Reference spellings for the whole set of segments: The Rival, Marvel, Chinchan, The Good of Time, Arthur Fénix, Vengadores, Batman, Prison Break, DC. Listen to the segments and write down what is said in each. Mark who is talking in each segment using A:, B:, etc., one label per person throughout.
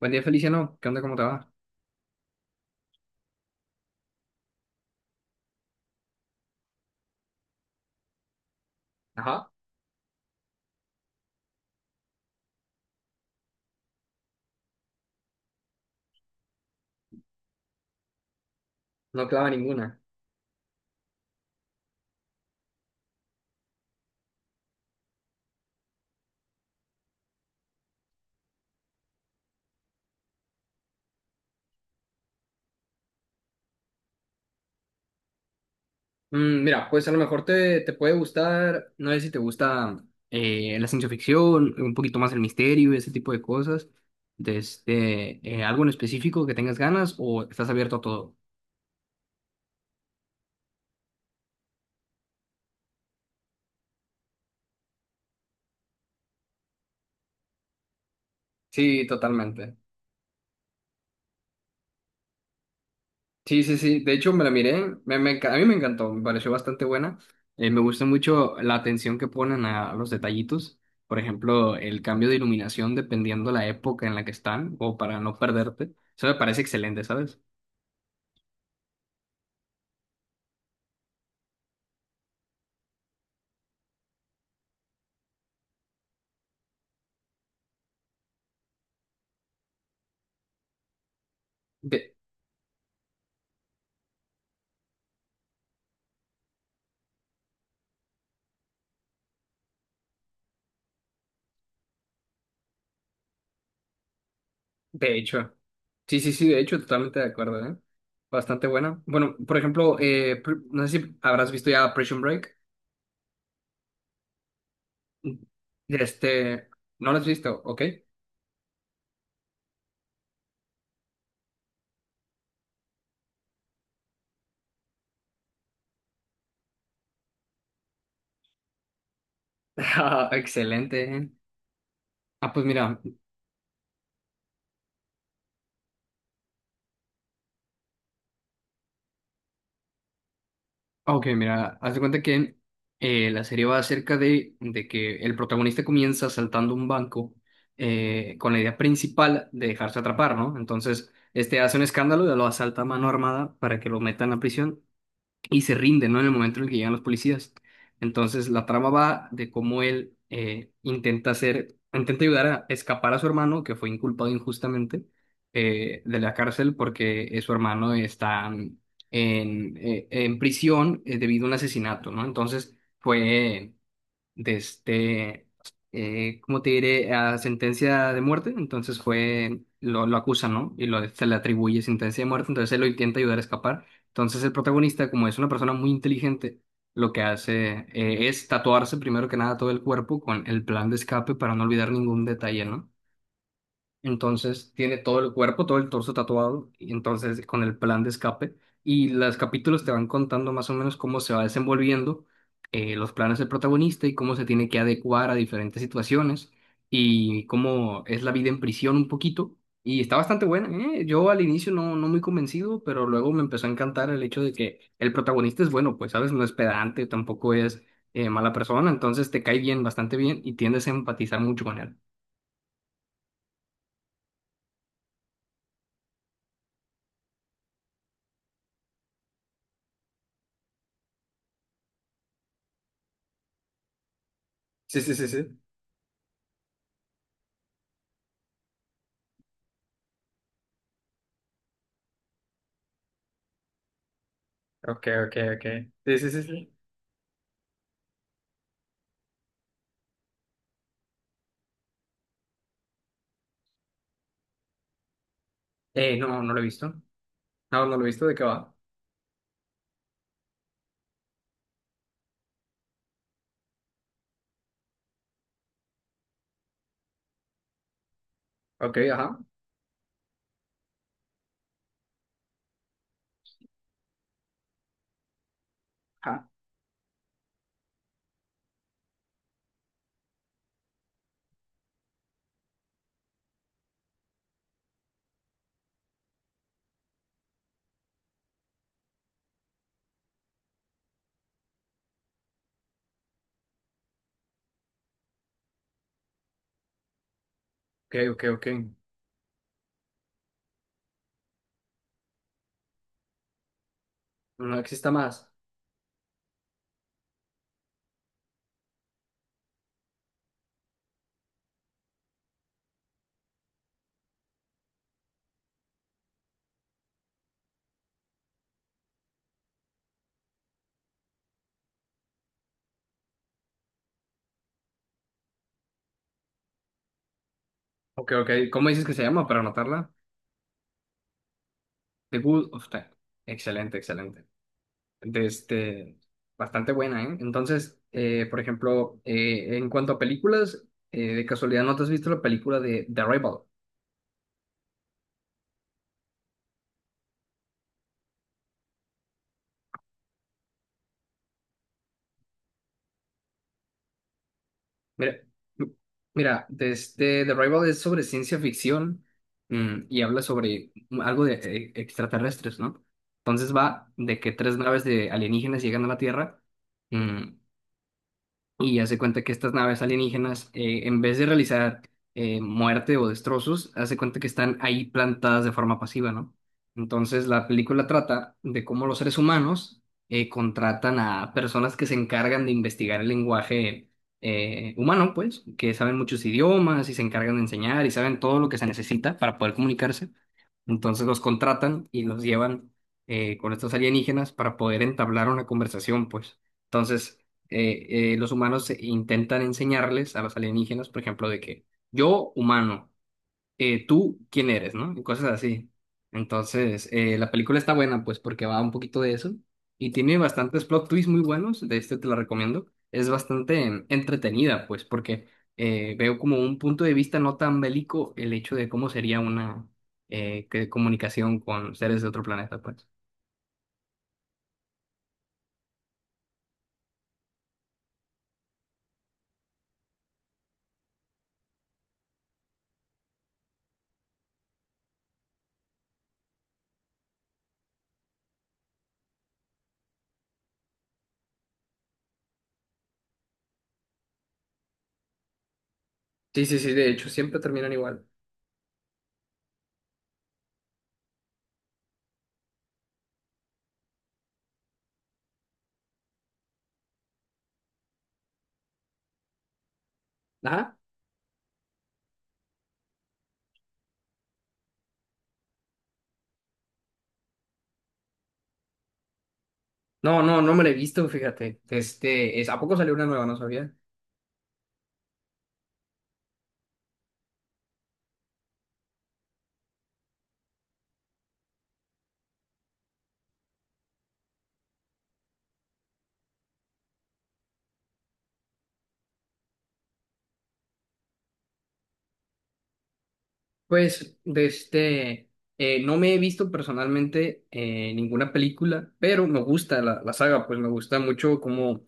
A: Buen día, Feliciano. ¿Qué onda? ¿Cómo te va? Ajá, no clava ninguna. Mira, pues a lo mejor te puede gustar, no sé si te gusta la ciencia ficción, un poquito más el misterio, ese tipo de cosas. De este, algo en específico que tengas ganas o estás abierto a todo. Sí, totalmente. Sí, sí, sí. De hecho, me la miré. A mí me encantó. Me pareció bastante buena. Me gusta mucho la atención que ponen a los detallitos. Por ejemplo, el cambio de iluminación dependiendo la época en la que están o para no perderte. Eso me parece excelente, ¿sabes? De, de hecho. Sí, sí, sí. De hecho, totalmente de acuerdo, ¿eh? Bastante buena. Bueno, por ejemplo, no sé si habrás visto ya Prison Break. Este, ¿no lo has visto? ¿Ok? Ah, excelente, ¿eh? Ah, pues mira. Ok, mira, haz de cuenta que la serie va acerca de que el protagonista comienza saltando un banco, con la idea principal de dejarse atrapar, ¿no? Entonces, este hace un escándalo y lo asalta a mano armada para que lo metan a prisión y se rinde, ¿no? En el momento en el que llegan los policías. Entonces, la trama va de cómo él intenta ayudar a escapar a su hermano, que fue inculpado injustamente, de la cárcel porque su hermano está en prisión, debido a un asesinato, ¿no? Entonces, fue de este, ¿cómo te diré? A sentencia de muerte, entonces lo acusan, ¿no? Y se le atribuye sentencia de muerte, entonces él lo intenta ayudar a escapar. Entonces el protagonista, como es una persona muy inteligente, lo que hace es tatuarse primero que nada todo el cuerpo con el plan de escape para no olvidar ningún detalle, ¿no? Entonces tiene todo el cuerpo, todo el torso tatuado, y entonces con el plan de escape. Y los capítulos te van contando más o menos cómo se va desenvolviendo, los planes del protagonista y cómo se tiene que adecuar a diferentes situaciones y cómo es la vida en prisión un poquito. Y está bastante buena, ¿eh? Yo al inicio no muy convencido, pero luego me empezó a encantar el hecho de que el protagonista es bueno, pues, ¿sabes? No es pedante, tampoco es mala persona, entonces te cae bien, bastante bien, y tiendes a empatizar mucho con él. Sí, sí, sí, sí. Ok, ok, ok. Sí, sí, sí, sí. No, no lo he visto. No, no lo he visto. ¿De qué va? Ok, ajá. Ajá. Ok, ok, ok. No exista más. Ok, ok. ¿Cómo dices que se llama para anotarla? The Good of Time. Excelente, excelente. De este, bastante buena, ¿eh? Entonces, por ejemplo, en cuanto a películas, de casualidad, ¿no te has visto la película de The Rival? Mira, m- mira, desde The Rival es sobre ciencia ficción, y habla sobre algo de extraterrestres, ¿no? Entonces va de que tres naves de alienígenas llegan a la Tierra. mm, y hace cuenta que estas naves alienígenas, en vez de realizar muerte o destrozos, hace cuenta que están ahí plantadas de forma pasiva, ¿no? Entonces la película trata de cómo los seres humanos contratan a personas que se encargan de investigar el lenguaje humano, pues, que saben muchos idiomas y se encargan de enseñar y saben todo lo que se necesita para poder comunicarse. Entonces los contratan y los llevan con estos alienígenas para poder entablar una conversación, pues. Entonces, los humanos intentan enseñarles a los alienígenas, por ejemplo, de que yo, humano, tú, ¿quién eres?, ¿no? Y cosas así. Entonces, la película está buena, pues, porque va un poquito de eso y tiene bastantes plot twists muy buenos, de este te la recomiendo. Es bastante entretenida, pues, porque veo como un punto de vista no tan bélico el hecho de cómo sería una comunicación con seres de otro planeta, pues. Sí, sí, sí, de hecho, siempre terminan igual. Ajá. No, no, no me la he visto, fíjate. Este, ¿a poco salió una nueva? No sabía. Pues, de este, no me he visto personalmente ninguna película, pero me gusta la saga, pues me gusta mucho cómo,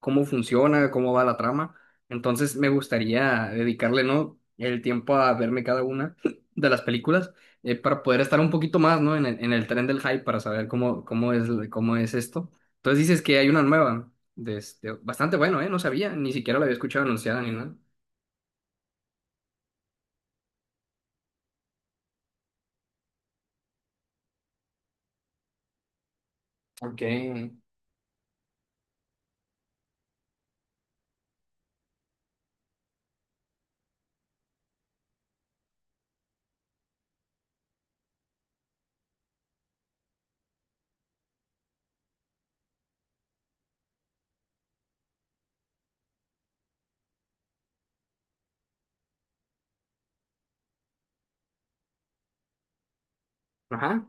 A: cómo funciona, cómo va la trama. Entonces me gustaría dedicarle, ¿no?, el tiempo a verme cada una de las películas, para poder estar un poquito más, ¿no?, en el tren del hype para saber cómo es esto. Entonces dices que hay una nueva, de este, bastante bueno, ¿eh? No sabía, ni siquiera la había escuchado anunciada ni nada. Ok. Ajá.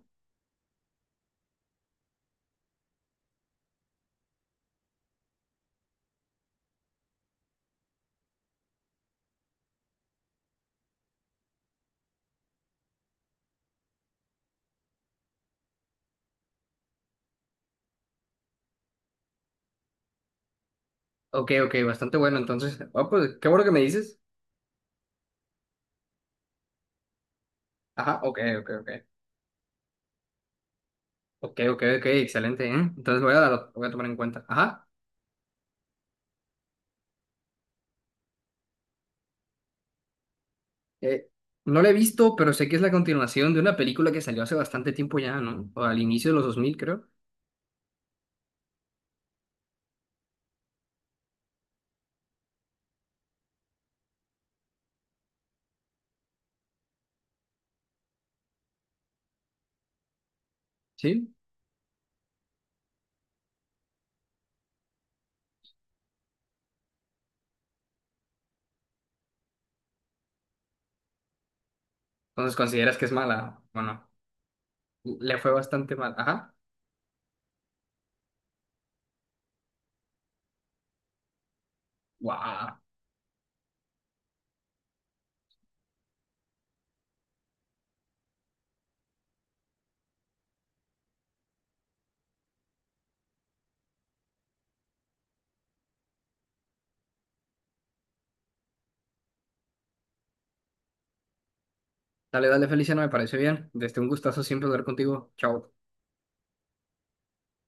A: Ok, ok, bastante bueno. Entonces, ah, pues qué bueno que me dices. Ajá, ok, ok, ok. Ok, ok, ok, excelente, ¿eh? Entonces voy a tomar en cuenta. Ajá. Eh, no la he visto, pero sé que es la continuación de una película que salió hace bastante tiempo ya, ¿no? O al inicio de los 2000, creo. ¿Sí? Entonces consideras que es mala. Bueno, le fue bastante mal. Ajá. Guau. Dale, dale, Felicia, no me parece bien. Desde un gustazo siempre hablar contigo. Chao.